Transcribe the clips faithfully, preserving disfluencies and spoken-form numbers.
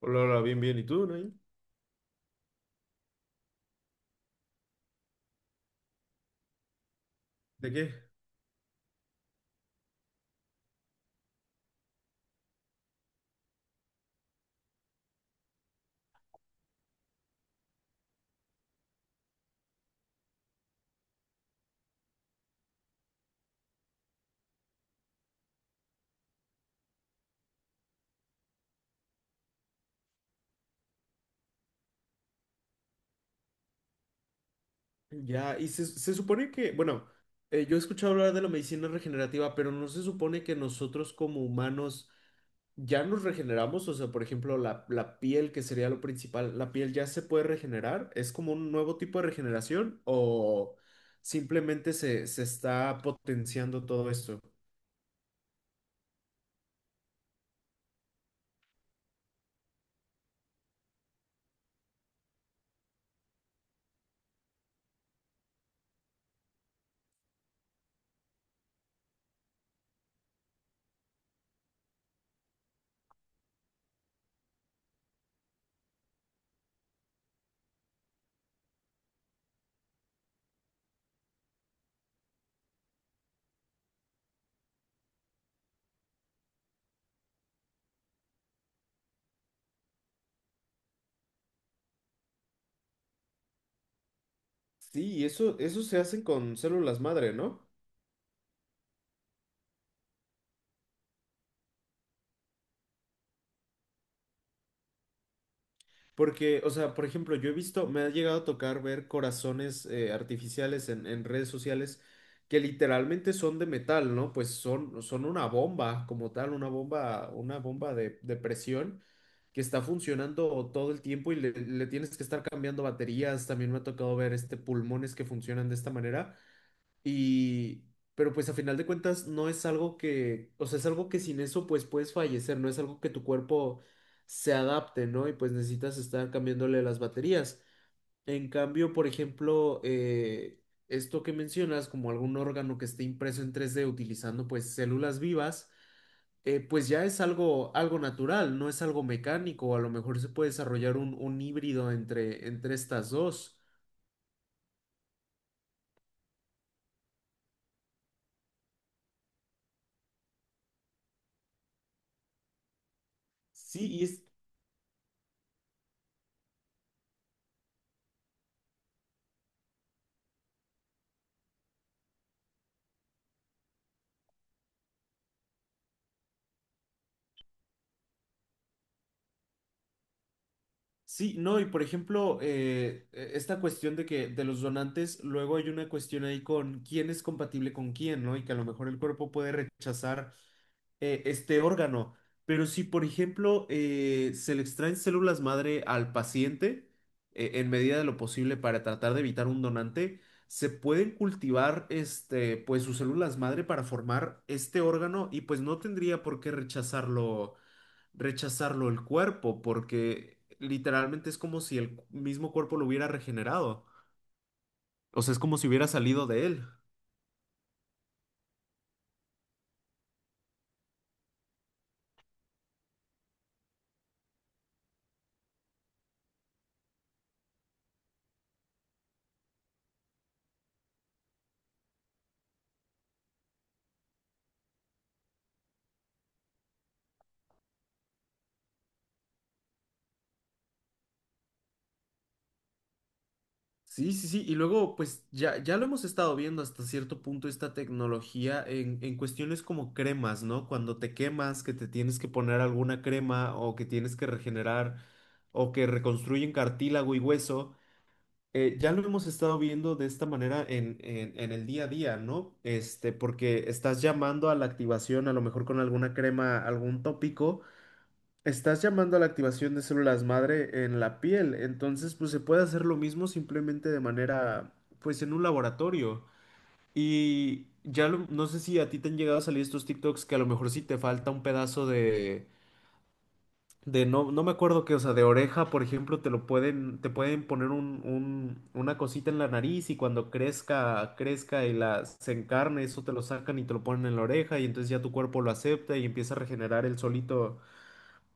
Hola, hola, bien, bien. ¿Y tú, Nain? ¿De qué? Ya, y se, se supone que, bueno, eh, yo he escuchado hablar de la medicina regenerativa, pero no se supone que nosotros como humanos ya nos regeneramos, o sea, por ejemplo, la, la piel, que sería lo principal, ¿la piel ya se puede regenerar? ¿Es como un nuevo tipo de regeneración o simplemente se, se está potenciando todo esto? Sí, y eso, eso se hacen con células madre, ¿no? Porque, o sea, por ejemplo, yo he visto, me ha llegado a tocar ver corazones eh, artificiales en, en redes sociales que literalmente son de metal, ¿no? Pues son, son una bomba como tal, una bomba, una bomba de, de presión que está funcionando todo el tiempo y le, le tienes que estar cambiando baterías. También me ha tocado ver este pulmones que funcionan de esta manera. Y, pero pues a final de cuentas no es algo que, o sea, es algo que sin eso pues puedes fallecer, no es algo que tu cuerpo se adapte, ¿no? Y pues necesitas estar cambiándole las baterías. En cambio, por ejemplo, eh, esto que mencionas, como algún órgano que esté impreso en tres d utilizando pues células vivas, eh, pues ya es algo, algo natural, no es algo mecánico, a lo mejor se puede desarrollar un, un híbrido entre, entre estas dos. Sí, y es, sí, no, y por ejemplo, eh, e- esta cuestión de que de los donantes, luego hay una cuestión ahí con quién es compatible con quién, ¿no? Y que a lo mejor el cuerpo puede rechazar eh, este órgano. Pero si, por ejemplo, eh, se le extraen células madre al paciente, eh, en medida de lo posible para tratar de evitar un donante, se pueden cultivar este, pues sus células madre para formar este órgano y pues no tendría por qué rechazarlo rechazarlo el cuerpo, porque literalmente es como si el mismo cuerpo lo hubiera regenerado. O sea, es como si hubiera salido de él. Sí, sí, sí. Y luego, pues ya, ya lo hemos estado viendo hasta cierto punto esta tecnología en, en cuestiones como cremas, ¿no? Cuando te quemas, que te tienes que poner alguna crema o que tienes que regenerar o que reconstruyen cartílago y hueso. Eh, ya lo hemos estado viendo de esta manera en, en- en el día a día, ¿no? Este, porque estás llamando a la activación, a lo mejor con alguna crema, algún tópico, estás llamando a la activación de células madre en la piel. Entonces, pues se puede hacer lo mismo simplemente de manera, pues en un laboratorio. Y ya lo- no sé si a ti te han llegado a salir estos TikToks que a lo mejor sí te falta un pedazo de de no, no me acuerdo qué, o sea, de oreja, por ejemplo, te lo pueden, te pueden poner un, un- una cosita en la nariz y cuando crezca, crezca y la, se encarne, eso te lo sacan y te lo ponen en la oreja y entonces ya tu cuerpo lo acepta y empieza a regenerar el solito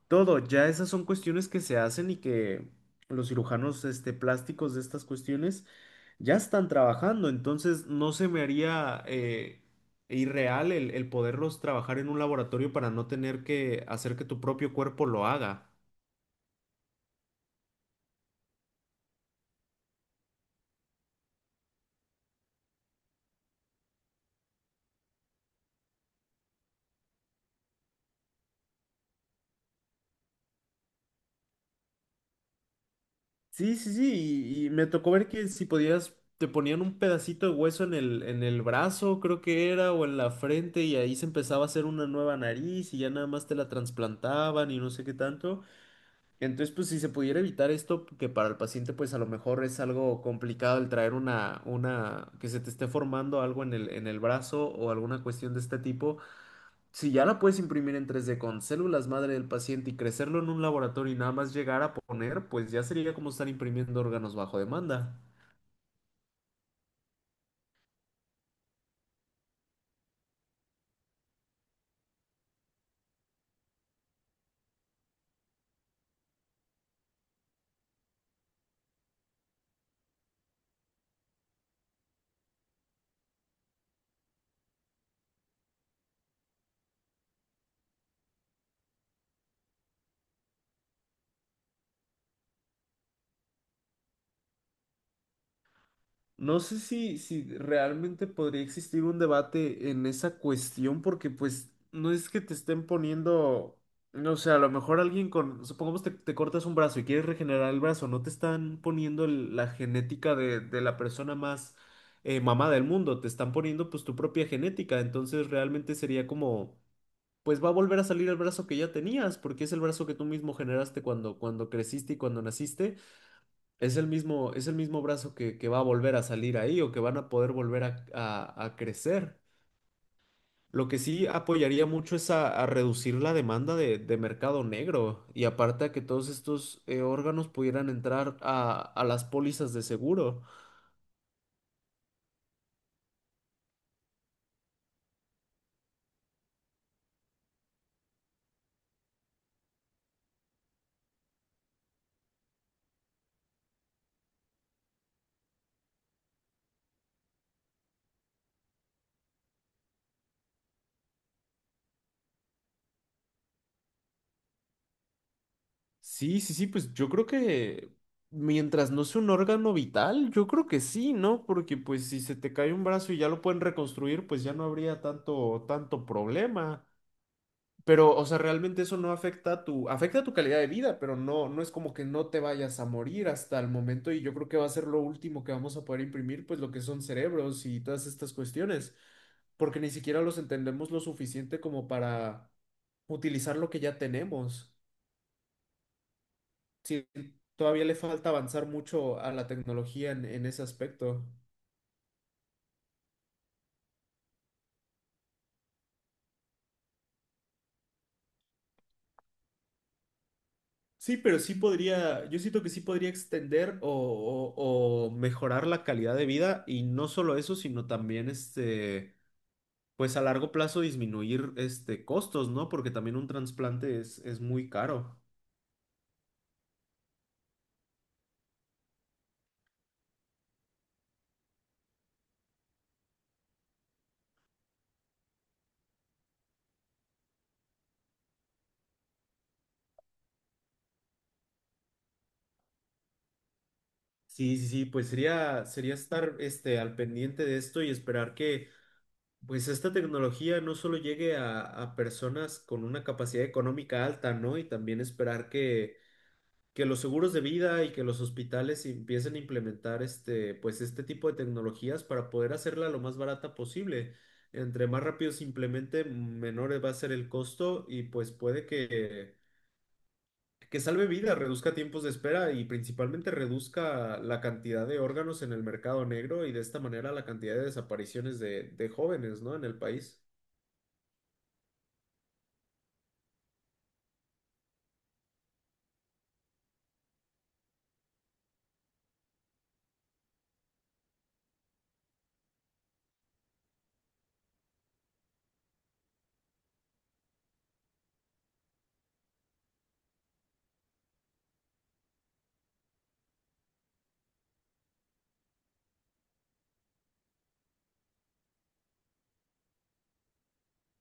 todo. Ya esas son cuestiones que se hacen y que los cirujanos, este, plásticos de estas cuestiones ya están trabajando, entonces no se me haría eh, irreal el el poderlos trabajar en un laboratorio para no tener que hacer que tu propio cuerpo lo haga. Sí, sí, sí, y, y me tocó ver que si podías, te ponían un pedacito de hueso en el, en el brazo, creo que era, o en la frente, y ahí se empezaba a hacer una nueva nariz, y ya nada más te la trasplantaban y no sé qué tanto. Entonces, pues si se pudiera evitar esto, que para el paciente, pues a lo mejor es algo complicado el traer una, una, que se te esté formando algo en el, en el brazo o alguna cuestión de este tipo. Si ya la puedes imprimir en tres D con células madre del paciente y crecerlo en un laboratorio y nada más llegar a poner, pues ya sería como estar imprimiendo órganos bajo demanda. No sé si, si realmente podría existir un debate en esa cuestión, porque pues no es que te estén poniendo, no sé, a lo mejor alguien con, supongamos te, te cortas un brazo y quieres regenerar el brazo, no te están poniendo el- la genética de, de la persona más eh, mamada del mundo, te están poniendo pues tu propia genética, entonces realmente sería como pues va a volver a salir el brazo que ya tenías, porque es el brazo que tú mismo generaste cuando, cuando creciste y cuando naciste, es el mismo, es el mismo brazo que, que va a volver a salir ahí o que van a poder volver a, a- a crecer. Lo que sí apoyaría mucho es a, a reducir la demanda de, de mercado negro y aparte a que todos estos eh, órganos pudieran entrar a, a las pólizas de seguro. Sí, sí, sí, pues yo creo que mientras no sea un órgano vital, yo creo que sí, ¿no? Porque pues si se te cae un brazo y ya lo pueden reconstruir, pues ya no habría tanto, tanto problema. Pero, o sea, realmente eso no afecta a tu, afecta a tu calidad de vida, pero no, no es como que no te vayas a morir hasta el momento y yo creo que va a ser lo último que vamos a poder imprimir, pues lo que son cerebros y todas estas cuestiones, porque ni siquiera los entendemos lo suficiente como para utilizar lo que ya tenemos. Sí, todavía le falta avanzar mucho a la tecnología en, en ese aspecto. Sí, pero sí podría, yo siento que sí podría extender o, o- o mejorar la calidad de vida y no solo eso, sino también este, pues a largo plazo disminuir este costos, ¿no? Porque también un trasplante es, es muy caro. Sí, sí, sí, pues sería, sería estar este, al pendiente de esto y esperar que pues esta tecnología no solo llegue a, a personas con una capacidad económica alta, ¿no? Y también esperar que que los seguros de vida y que los hospitales empiecen a implementar este, pues este tipo de tecnologías para poder hacerla lo más barata posible. Entre más rápido se implemente, menor va a ser el costo y pues puede que, que salve vidas, reduzca tiempos de espera y principalmente reduzca la cantidad de órganos en el mercado negro y de esta manera la cantidad de desapariciones de, de jóvenes, ¿no? En el país.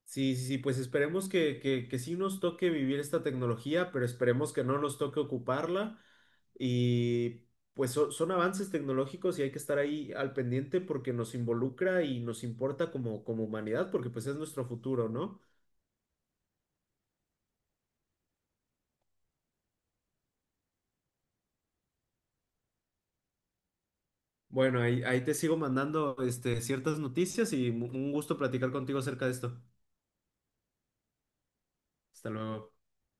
Sí, sí, sí, pues esperemos que, que, que sí nos toque vivir esta tecnología, pero esperemos que no nos toque ocuparla. Y pues so- son avances tecnológicos y hay que estar ahí al pendiente porque nos involucra y nos importa como, como humanidad, porque pues es nuestro futuro, ¿no? Bueno, ahí, ahí te sigo mandando este, ciertas noticias y mu- un gusto platicar contigo acerca de esto. Hasta luego.